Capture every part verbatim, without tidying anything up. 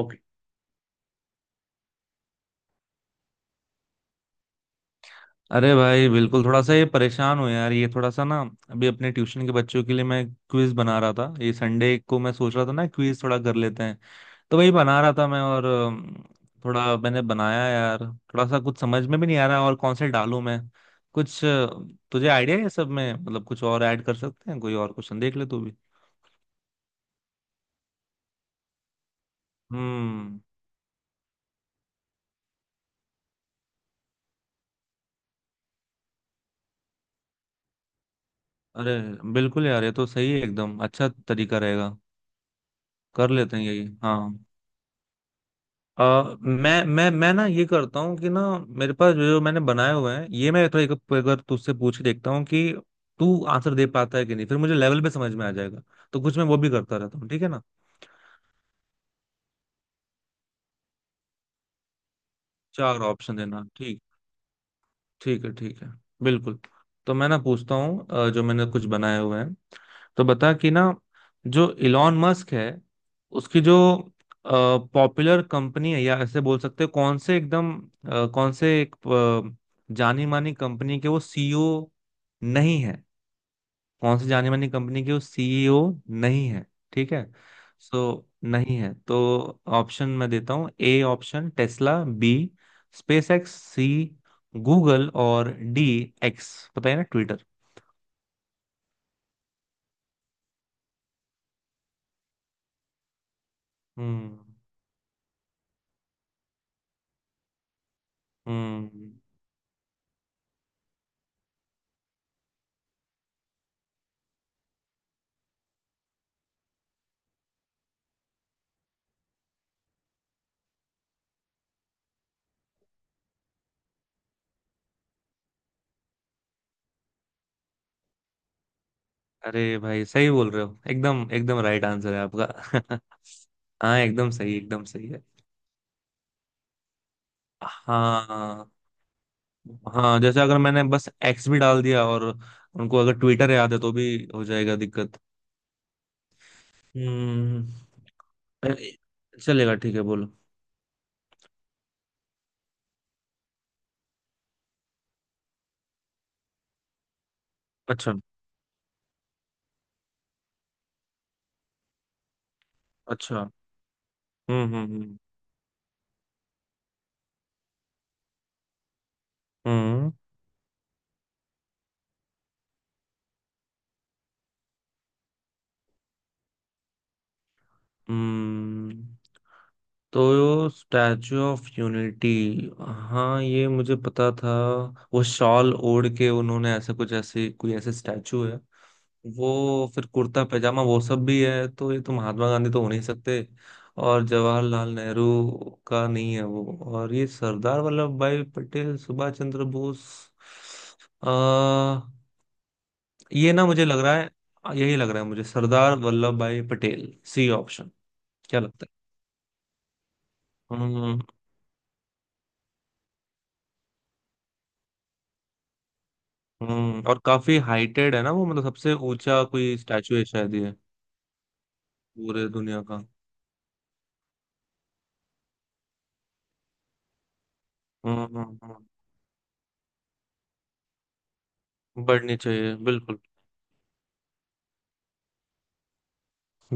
Okay. अरे भाई, बिल्कुल। थोड़ा सा ये परेशान हो यार, ये थोड़ा सा ना। अभी अपने ट्यूशन के बच्चों के लिए मैं क्विज बना रहा था। ये संडे को मैं सोच रहा था ना, क्विज थोड़ा कर लेते हैं। तो वही बना रहा था मैं और अम, थोड़ा मैंने बनाया यार। थोड़ा सा कुछ समझ में भी नहीं आ रहा, और कौन से डालूं मैं कुछ। अ, तुझे आइडिया है सब में? मतलब कुछ और ऐड कर सकते हैं, कोई और क्वेश्चन देख ले तू भी। हम्म। अरे बिल्कुल यार, ये तो सही है एकदम, अच्छा तरीका रहेगा। कर लेते हैं यही, हाँ। अ मैं मैं मैं ना ये करता हूँ कि ना, मेरे पास जो जो मैंने बनाए हुए हैं ये मैं थोड़ा एक अगर तुझसे पूछ के देखता हूँ कि तू आंसर दे पाता है कि नहीं, फिर मुझे लेवल पे समझ में आ जाएगा। तो कुछ मैं वो भी करता रहता हूँ, ठीक है ना। चार ऑप्शन देना, ठीक है। ठीक है, ठीक है, बिल्कुल। तो मैं ना पूछता हूँ अ, जो मैंने कुछ बनाए हुए हैं। तो बता कि ना, जो इलॉन मस्क है, उसकी जो पॉपुलर कंपनी है, या ऐसे बोल सकते हो कौन से एकदम अ, कौन से एक जानी मानी कंपनी के वो सीईओ नहीं है। कौन सी जानी मानी कंपनी की वो सीईओ नहीं है? ठीक है। सो नहीं है तो ऑप्शन मैं देता हूँ। A option Tesla, B space X, C Google और डी एक्स, पता है ना, ट्विटर। हम्म। हम्म। अरे भाई सही बोल रहे हो, एकदम एकदम राइट आंसर है आपका। हाँ एकदम सही, एकदम सही है। हाँ। हाँ, जैसे अगर मैंने बस एक्स भी डाल दिया और उनको अगर ट्विटर याद है तो भी हो जाएगा दिक्कत। हम्म। अरे, चलेगा ठीक है, बोलो। अच्छा। अच्छा। हम्म। हम्म। हम्म। हम्म। हम्म। तो स्टैचू ऑफ यूनिटी, हाँ ये मुझे पता था। वो शॉल ओढ़ के उन्होंने ऐसा कुछ, ऐसे कोई ऐसे स्टैचू है। वो फिर कुर्ता पैजामा वो सब भी है, तो ये तो महात्मा गांधी तो हो नहीं सकते। और जवाहरलाल नेहरू का नहीं है वो। और ये सरदार वल्लभ भाई पटेल, सुभाष चंद्र बोस, ये ना मुझे लग रहा है, यही लग रहा है मुझे, सरदार वल्लभ भाई पटेल सी ऑप्शन। क्या लगता है? हम्म। हम्म। और काफी हाइटेड है ना वो, मतलब सबसे ऊंचा कोई स्टैचू है शायद ये, पूरे दुनिया का। हम्म। हम्म। हम्म। बढ़नी चाहिए बिल्कुल।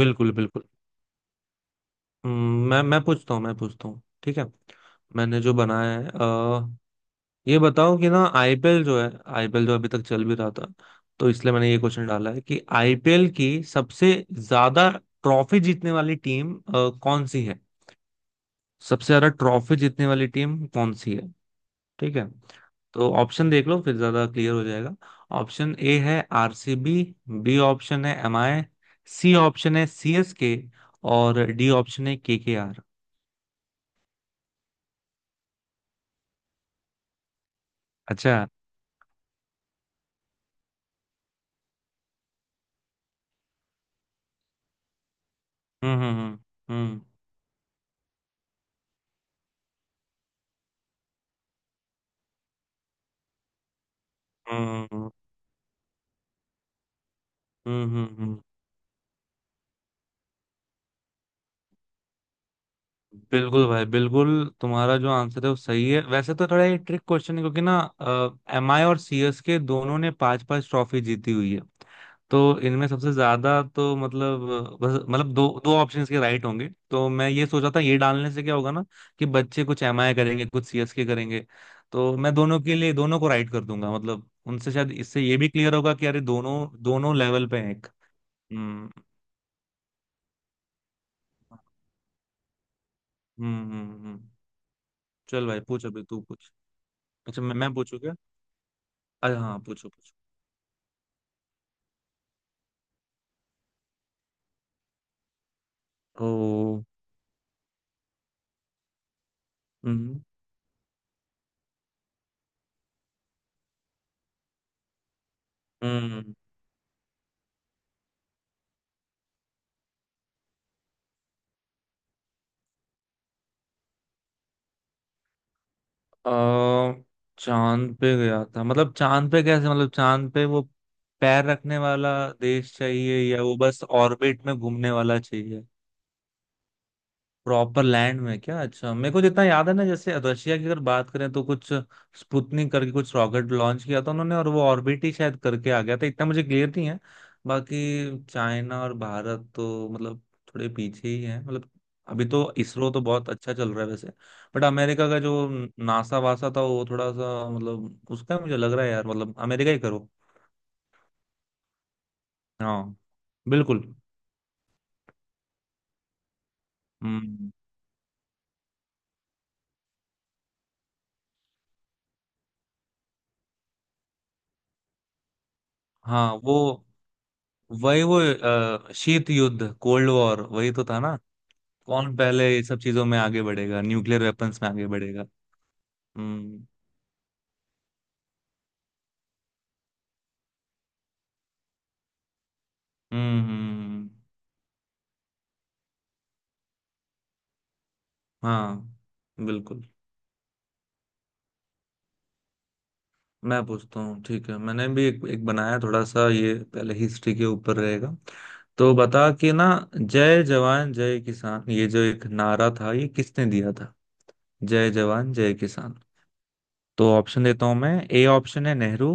बिल्कुल। बिल्कुल। हम्म। मैं मैं पूछता हूँ, मैं पूछता हूँ, ठीक है। मैंने जो बनाया है, ये बताओ कि ना, आईपीएल जो है, आईपीएल जो अभी तक चल भी रहा था, तो इसलिए मैंने ये क्वेश्चन डाला है कि आईपीएल की सबसे ज्यादा ट्रॉफी जीतने वाली टीम कौन सी है। सबसे ज्यादा ट्रॉफी जीतने वाली टीम कौन सी है? ठीक है, तो ऑप्शन देख लो, फिर ज्यादा क्लियर हो जाएगा। ऑप्शन ए है आरसीबी, बी ऑप्शन है एमआई, सी ऑप्शन है सीएसके और डी ऑप्शन है केकेआर। अच्छा। हम्म। हम्म। हम्म। हम्म। हम्म। हम्म। हम्म। हम्म। हम्म। बिल्कुल भाई, बिल्कुल। तुम्हारा जो आंसर है वो सही है वैसे, तो थोड़ा ये ट्रिक क्वेश्चन है क्योंकि ना एमआई और सीएसके दोनों ने पांच पांच ट्रॉफी जीती हुई है। तो इनमें सबसे ज्यादा तो मतलब, अ, बस मतलब दो दो ऑप्शंस के राइट होंगे, तो मैं ये सोचा था ये डालने से क्या होगा ना, कि बच्चे कुछ एमआई करेंगे कुछ सीएसके करेंगे। तो मैं दोनों के लिए दोनों को राइट कर दूंगा, मतलब उनसे शायद इससे ये भी क्लियर होगा कि अरे दोनों दोनों लेवल पे हैं एक। हम्म। हम्म। हम्म। हम्म। हम्म। चल भाई पूछ, अभी तू पूछ। अच्छा मैं मैं पूछू। अरे हाँ, पूछो पूछो। ओ। हम्म। हम्म। अ, चांद पे गया था मतलब? चांद पे कैसे? मतलब चांद पे वो पैर रखने वाला देश चाहिए या वो बस ऑर्बिट में घूमने वाला चाहिए? प्रॉपर लैंड में क्या? अच्छा, मेरे को जितना याद है ना, जैसे रशिया की अगर बात करें तो कुछ स्पुतनिक करके कुछ रॉकेट लॉन्च किया था उन्होंने और वो ऑर्बिट ही शायद करके आ गया था, इतना मुझे क्लियर नहीं है। बाकी चाइना और भारत तो मतलब थोड़े पीछे ही है मतलब। अभी तो इसरो तो बहुत अच्छा चल रहा है वैसे। बट अमेरिका का जो नासा वासा था वो थोड़ा सा मतलब, उसका मुझे लग रहा है यार, मतलब अमेरिका ही करो। हाँ, बिल्कुल। हम्म। हाँ वो, वही वो अ, शीत युद्ध, कोल्ड वॉर, वही तो था ना। कौन पहले ये सब चीजों में आगे बढ़ेगा, न्यूक्लियर वेपन्स में आगे बढ़ेगा। हम्म। हम्म। हम्म। हाँ, बिल्कुल। मैं पूछता हूँ ठीक है, मैंने भी एक, एक बनाया थोड़ा सा, ये पहले हिस्ट्री के ऊपर रहेगा। तो बता कि ना, जय जवान जय किसान ये जो एक नारा था ये किसने दिया था? जय जवान जय किसान। तो ऑप्शन देता हूँ मैं। ए ऑप्शन है नेहरू,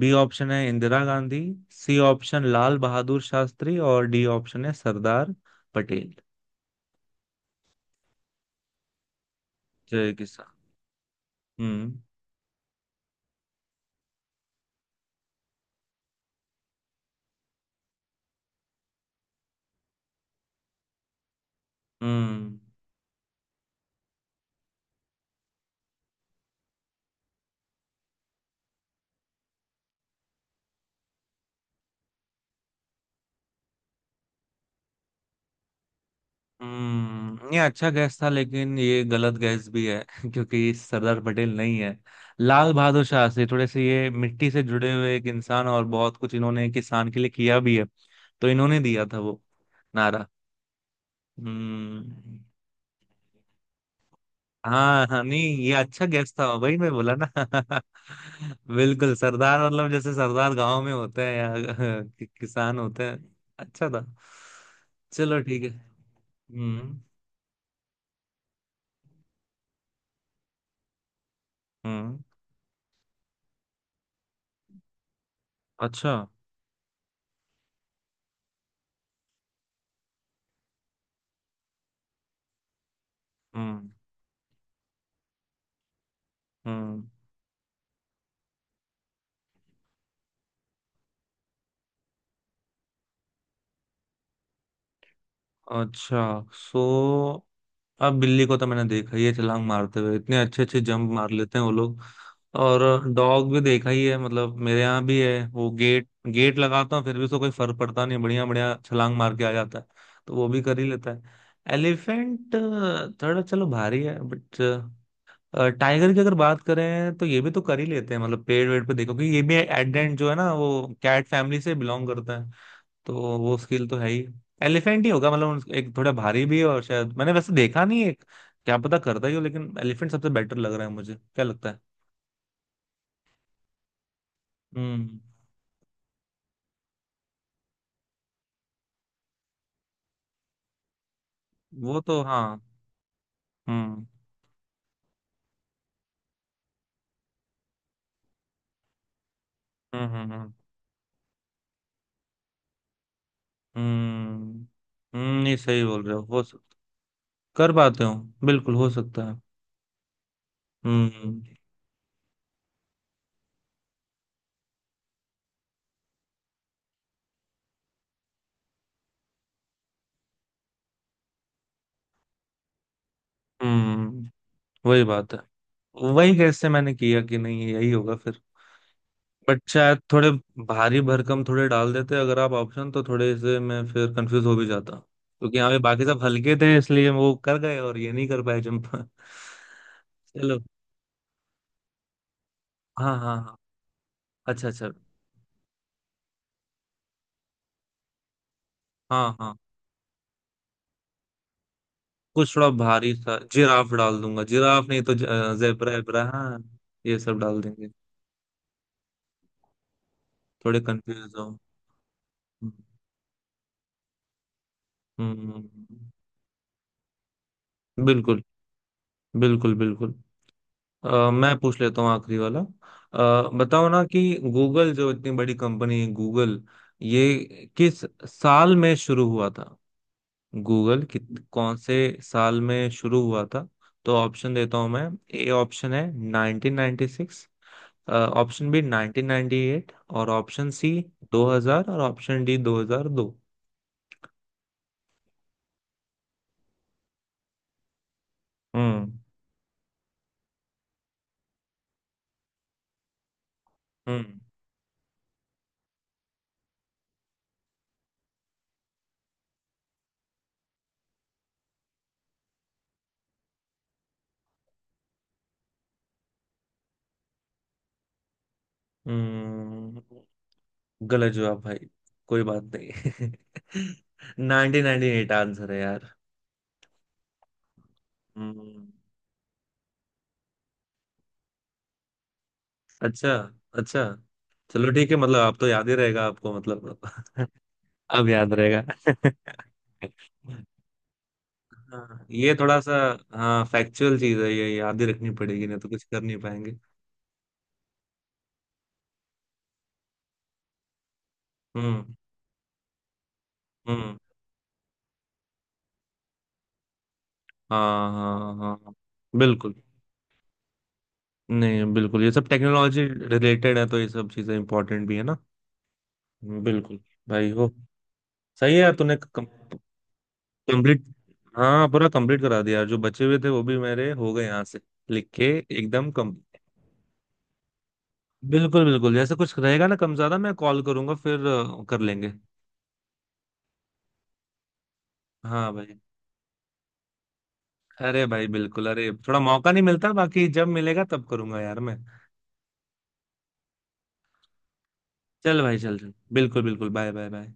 बी ऑप्शन है इंदिरा गांधी, सी ऑप्शन लाल बहादुर शास्त्री और डी ऑप्शन है सरदार पटेल। जय किसान। हम्म। हम्म। हम्म। ये अच्छा गैस था, लेकिन ये गलत गैस भी है क्योंकि सरदार पटेल नहीं है। लाल बहादुर शास्त्री थोड़े से ये मिट्टी से जुड़े हुए एक इंसान और बहुत कुछ इन्होंने किसान के लिए किया भी है, तो इन्होंने दिया था वो नारा। हम्म। हाँ हाँ, नहीं ये अच्छा गैस था, वही मैं बोला ना। बिल्कुल, सरदार मतलब जैसे सरदार गांव में होते हैं या कि- किसान होते हैं। अच्छा था। चलो ठीक है। हम्म। हम्म। अच्छा। हम्म। हम्म। अच्छा। सो अब बिल्ली को तो मैंने देखा ही है छलांग मारते हुए, इतने अच्छे अच्छे जंप मार लेते हैं वो लोग। और डॉग भी देखा ही है, मतलब मेरे यहाँ भी है वो, गेट गेट लगाता हूँ फिर भी उसको कोई फर्क पड़ता नहीं, बढ़िया बढ़िया छलांग मार के आ जाता है। तो वो भी कर ही लेता है। एलिफेंट थोड़ा, चलो भारी है बट टाइगर की अगर बात करें तो ये भी तो कर ही लेते हैं, मतलब पेड़ वेड़ पे देखो, कि ये भी एडेंट जो है ना वो कैट फैमिली से बिलोंग करता है। तो वो स्किल तो है ही। एलिफेंट ही होगा, मतलब उन- एक थोड़ा भारी भी है और शायद मैंने वैसे देखा नहीं है, एक क्या पता करता ही हो, लेकिन एलिफेंट सबसे बेटर लग रहा है मुझे, क्या लगता है। हम्म। वो तो हाँ। हम्म। हम्म। हम्म। हम्म। हम्म। हम्म। नहीं सही बोल रहे हो, हो सक- कर पाते हो, बिल्कुल हो सकता है। हम्म। हम्म। हम्म। वही बात है। वही कैसे मैंने किया कि नहीं, यही होगा फिर। बट शायद थोड़े भारी भरकम थोड़े डाल देते अगर आप ऑप्शन, तो थोड़े से मैं फिर कंफ्यूज हो भी जाता क्योंकि यहाँ पे बाकी सब हल्के थे, इसलिए वो कर गए और ये नहीं कर पाए जंप। चलो। हाँ हाँ हाँ। अच्छा अच्छा। हाँ हाँ। कुछ थोड़ा भारी सा, जिराफ डाल दूंगा, जिराफ नहीं तो जेबरा एबरा, हाँ ये सब डाल देंगे। थोड़े कंफ्यूज हो। हम्म। हम्म। हम्म। हम्म। बिल्कुल। बिल्कुल बिल्कुल। अ, मैं पूछ लेता हूँ आखिरी वाला। अ, बताओ ना कि गूगल जो इतनी बड़ी कंपनी है गूगल, ये किस साल में शुरू हुआ था? गूगल कित कौन से साल में शुरू हुआ था? तो ऑप्शन देता हूँ मैं। ए ऑप्शन है nineteen ninety six, option B nineteen ninety eight और ऑप्शन सी दो हज़ार और ऑप्शन डी दो हज़ार दो। हम्म। हम्म। हम्म। गलत जवाब भाई, कोई बात नहीं। नाइनटीन नाइनटी एट आंसर है यार। हम्म। अच्छा। अच्छा चलो ठीक है, मतलब आप तो याद ही रहेगा आपको मतलब। अब याद रहेगा। हाँ, ये थोड़ा सा, हाँ फैक्चुअल चीज है ये, याद ही रखनी पड़ेगी नहीं तो कुछ कर नहीं पाएंगे। हम्म। हम्म। हाँ हाँ हाँ हाँ। बिल्कुल। नहीं बिल्कुल, ये सब टेक्नोलॉजी रिलेटेड है तो ये सब चीजें इंपॉर्टेंट भी है ना। बिल्कुल भाई, हो सही है यार तूने, कम- कंप्लीट। हाँ, पूरा कंप्लीट करा दिया, जो बचे हुए थे वो भी मेरे हो गए यहाँ से लिख के। एकदम कम। बिल्कुल बिल्कुल, जैसे कुछ रहेगा ना कम ज्यादा, मैं कॉल करूंगा फिर अ, कर लेंगे। हाँ भाई। अरे भाई बिल्कुल, अरे थोड़ा मौका नहीं मिलता, बाकी जब मिलेगा तब करूंगा यार मैं। चल भाई, चल चल, बिल्कुल बिल्कुल, बाय बाय बाय।